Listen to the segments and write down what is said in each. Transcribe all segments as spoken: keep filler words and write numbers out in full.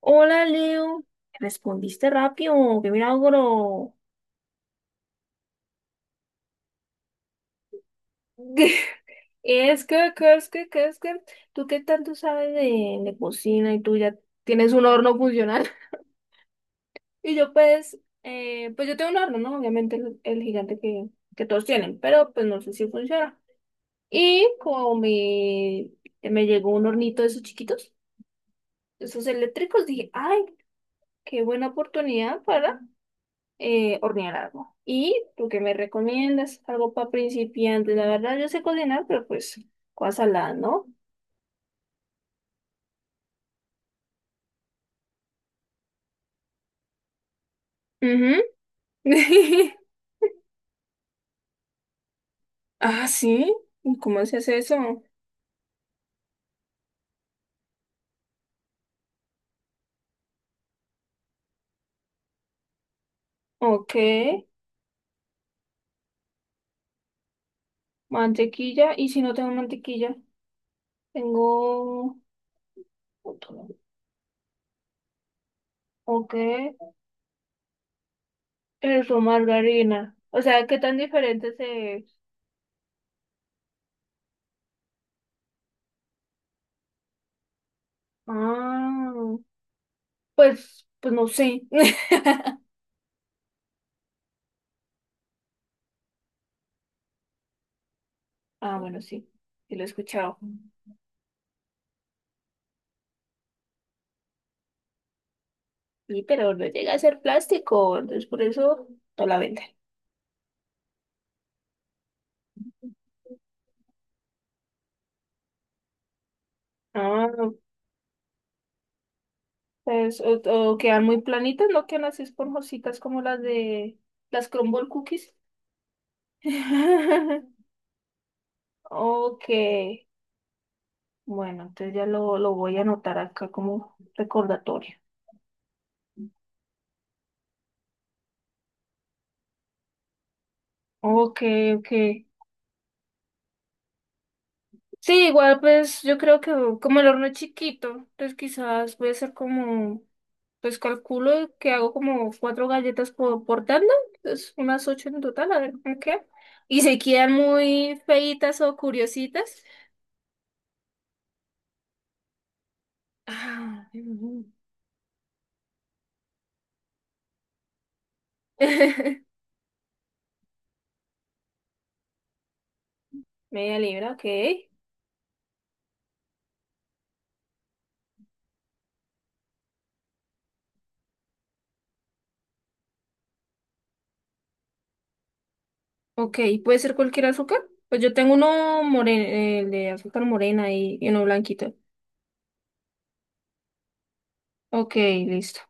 Hola, Leo. Respondiste rápido, qué milagro. Es que, que, es que, que, es que, tú qué tanto sabes de, de cocina y tú ya tienes un horno funcional. Y yo pues, eh, pues yo tengo un horno, ¿no? Obviamente el, el gigante que, que todos tienen, pero pues no sé si funciona. Y como me, Me llegó un hornito de esos chiquitos, esos eléctricos, dije, ay, qué buena oportunidad para eh, hornear algo. ¿Y tú qué me recomiendas? Algo para principiantes. La verdad, yo sé cocinar, pero pues, cosa la, ¿no? Ujú. Ah, sí. ¿Y ¿Cómo se hace eso? Ok. Mantequilla. ¿Y si no tengo mantequilla? Tengo... Ok. Eso, margarina. O sea, ¿qué tan diferente se... Ah, pues, pues no sé. Ah, bueno, sí. Sí lo he escuchado. Sí, pero no llega a ser plástico, entonces por eso no la venden. Ah, pues, o, o quedan muy planitas, no quedan así esponjositas como las de las crumble Cookies. Ok, bueno, entonces ya lo, lo voy a anotar acá como recordatorio. Ok, ok. Sí, igual pues yo creo que como el horno es chiquito, entonces quizás voy a hacer como, pues calculo que hago como cuatro galletas por, por tanda, entonces unas ocho en total, a ver cómo queda. Y si quedan muy feitas o curiositas. Ah. Media libra, ok. Ok, ¿puede ser cualquier azúcar? Pues yo tengo uno moreno, el de azúcar morena y, y uno blanquito. Ok, listo.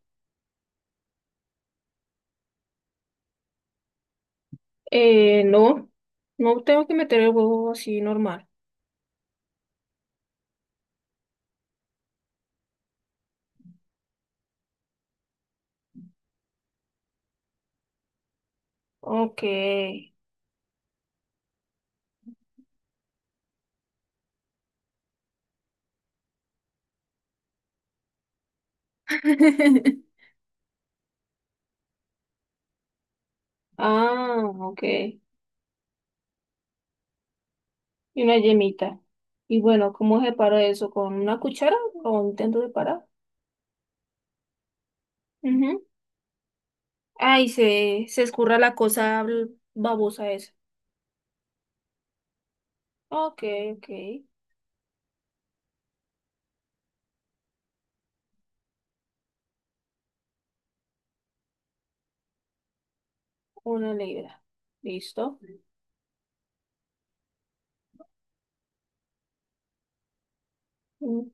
Eh, no, no tengo que meter el huevo así normal. Ok. Ah, ok. Y una yemita. Y bueno, ¿cómo separo eso? ¿Con una cuchara o intento separar? Ujú. Ay, se, se escurra la cosa bl- babosa esa. Ok, ok. Una libra. Listo. Mm.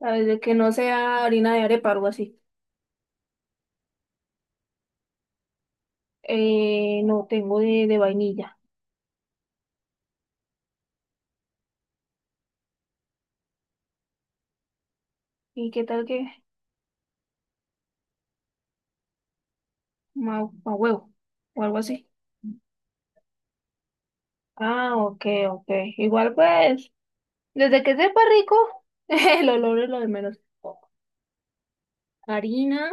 A ver, de que no sea harina de arepa o algo así. Eh, no, tengo de, de vainilla. ¿Y qué tal que ma, ma huevo o algo así? Ah, ok, ok. Igual pues. Desde que sepa rico, el olor es lo de menos. Harina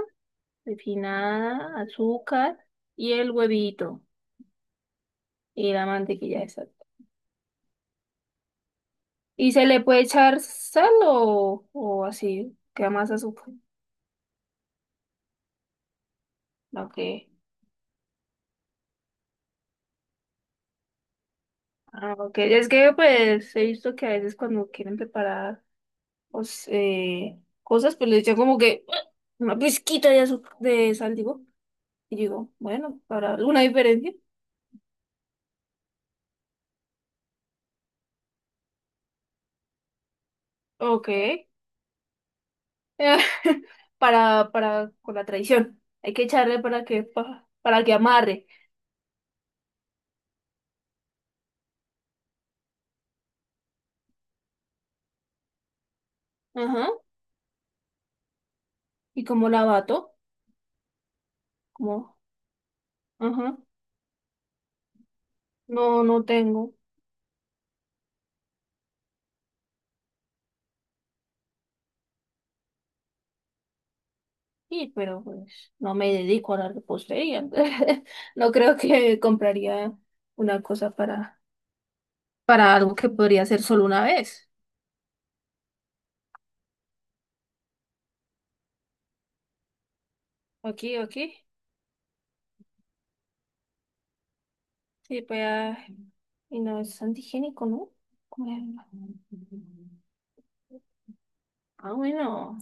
refinada, azúcar y el huevito y la mantequilla esa. ¿Y se le puede echar sal o, o así? Queda más azúcar. Ok. Ah, ok. Es que pues he visto que a veces cuando quieren preparar pues, eh, cosas, pues le echan como que ¡ah! Una pizquita de azúcar, de sal, digo. Y digo, bueno, para alguna diferencia. Ok. para, para, con la tradición hay que echarle para que, pa- para que amarre. Ajá. Y como la bato, como, ajá, no, no tengo. Y, pero pues, no me dedico a la repostería. No creo que compraría una cosa para, para algo que podría hacer solo una vez. Aquí, aquí. Sí, pues, ah, y no es antigénico, ¿no? Como- era. Ah, bueno.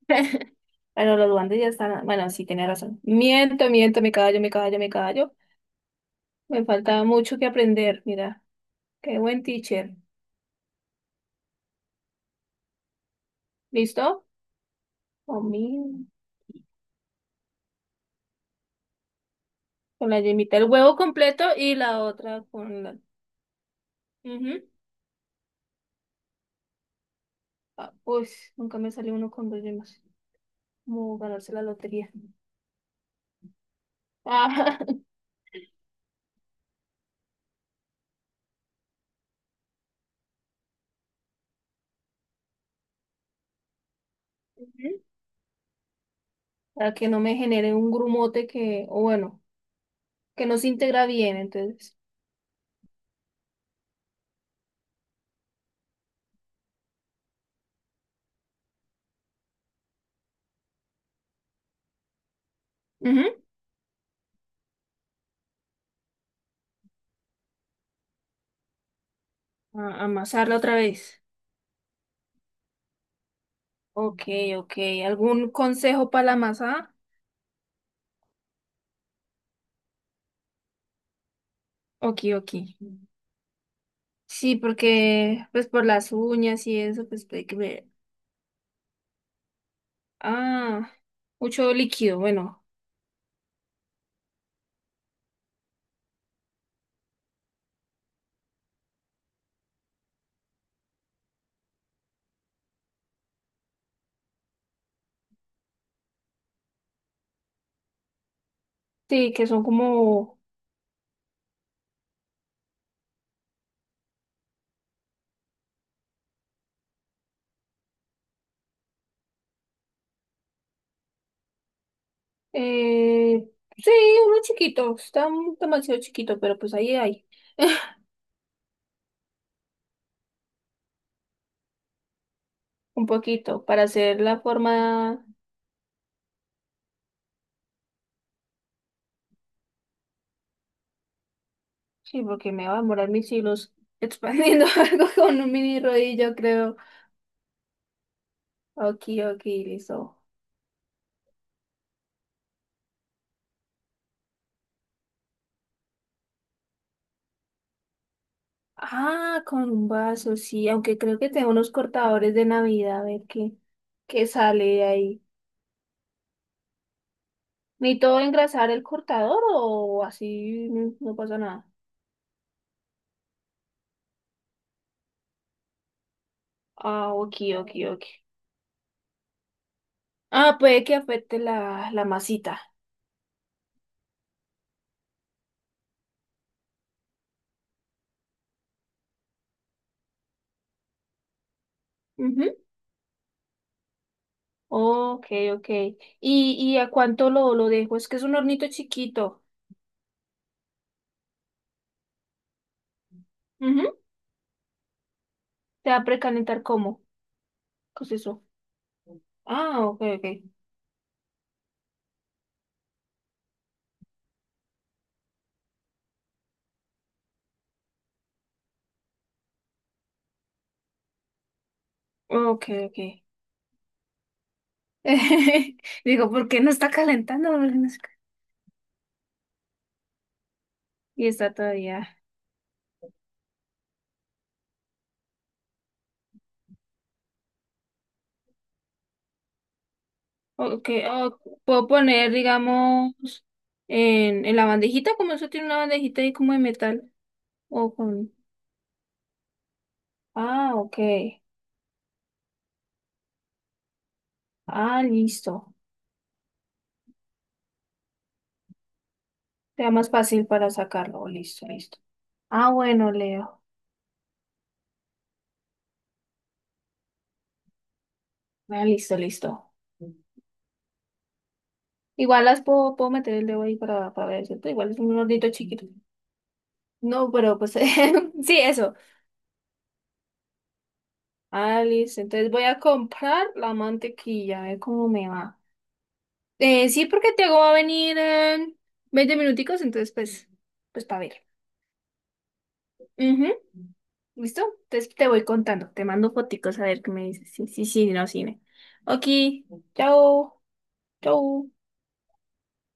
Bueno, los duendes ya están. Bueno, sí, tenía razón. Miento, miento, me callo, me callo, me callo. Me falta mucho que aprender. Mira, qué buen teacher. ¿Listo? Con mi- con la yemita, el huevo completo y la otra con la. Ujú. Ah, uy, nunca me salió uno con dos yemas. Como ganarse la lotería. Ah. Ujú. Para que no me genere un grumote que, o bueno, que no se integra bien, entonces. Ujú. A- amasarla otra vez. Ok, ok. ¿Algún consejo para la masa? Ok, ok. Sí, porque pues por las uñas y eso, pues hay que ver. Ah, mucho líquido, bueno. Sí, que son como... Eh, sí, uno chiquito, está un- demasiado chiquito, pero pues ahí hay. Un poquito, para hacer la forma... Sí, porque me va a demorar mis hilos expandiendo algo con un mini rodillo, creo. Ok, ok, listo. Ah, con un vaso, sí, aunque creo que tengo unos cortadores de Navidad, a ver qué, qué sale de ahí. ¿Necesito engrasar el cortador o así no, no pasa nada? Ah, ok, ok, ok. Ah, puede que afecte la, la masita. Ujú. Ok, ok. ¿Y, ¿y a cuánto lo, lo dejo? Es que es un hornito chiquito. Ujú. ¿Te va a precalentar cómo? ¿Qué es eso? Ah, ok, ok. Ok, ok. Digo, ¿por qué no está calentando? Y está todavía. Ok, o puedo poner, digamos, en, en la bandejita, como eso tiene una bandejita ahí como de metal. O con. Ah, ok. Ah, listo. Sea más fácil para sacarlo. Listo, listo. Ah, bueno, Leo. Ah, listo, listo. Igual las puedo, puedo meter el dedo ahí para, para ver, ¿cierto? Igual es un hornito chiquito. No, pero pues sí, eso. Ah, listo. Entonces voy a comprar la mantequilla, a ver cómo me va. Eh, sí, porque Tiago va a venir en veinte minuticos, entonces pues, pues para ver. Ujú. ¿Listo? Entonces te voy contando, te mando foticos a ver qué me dices. Sí, sí, sí, no, cine. Ok, chao, chao.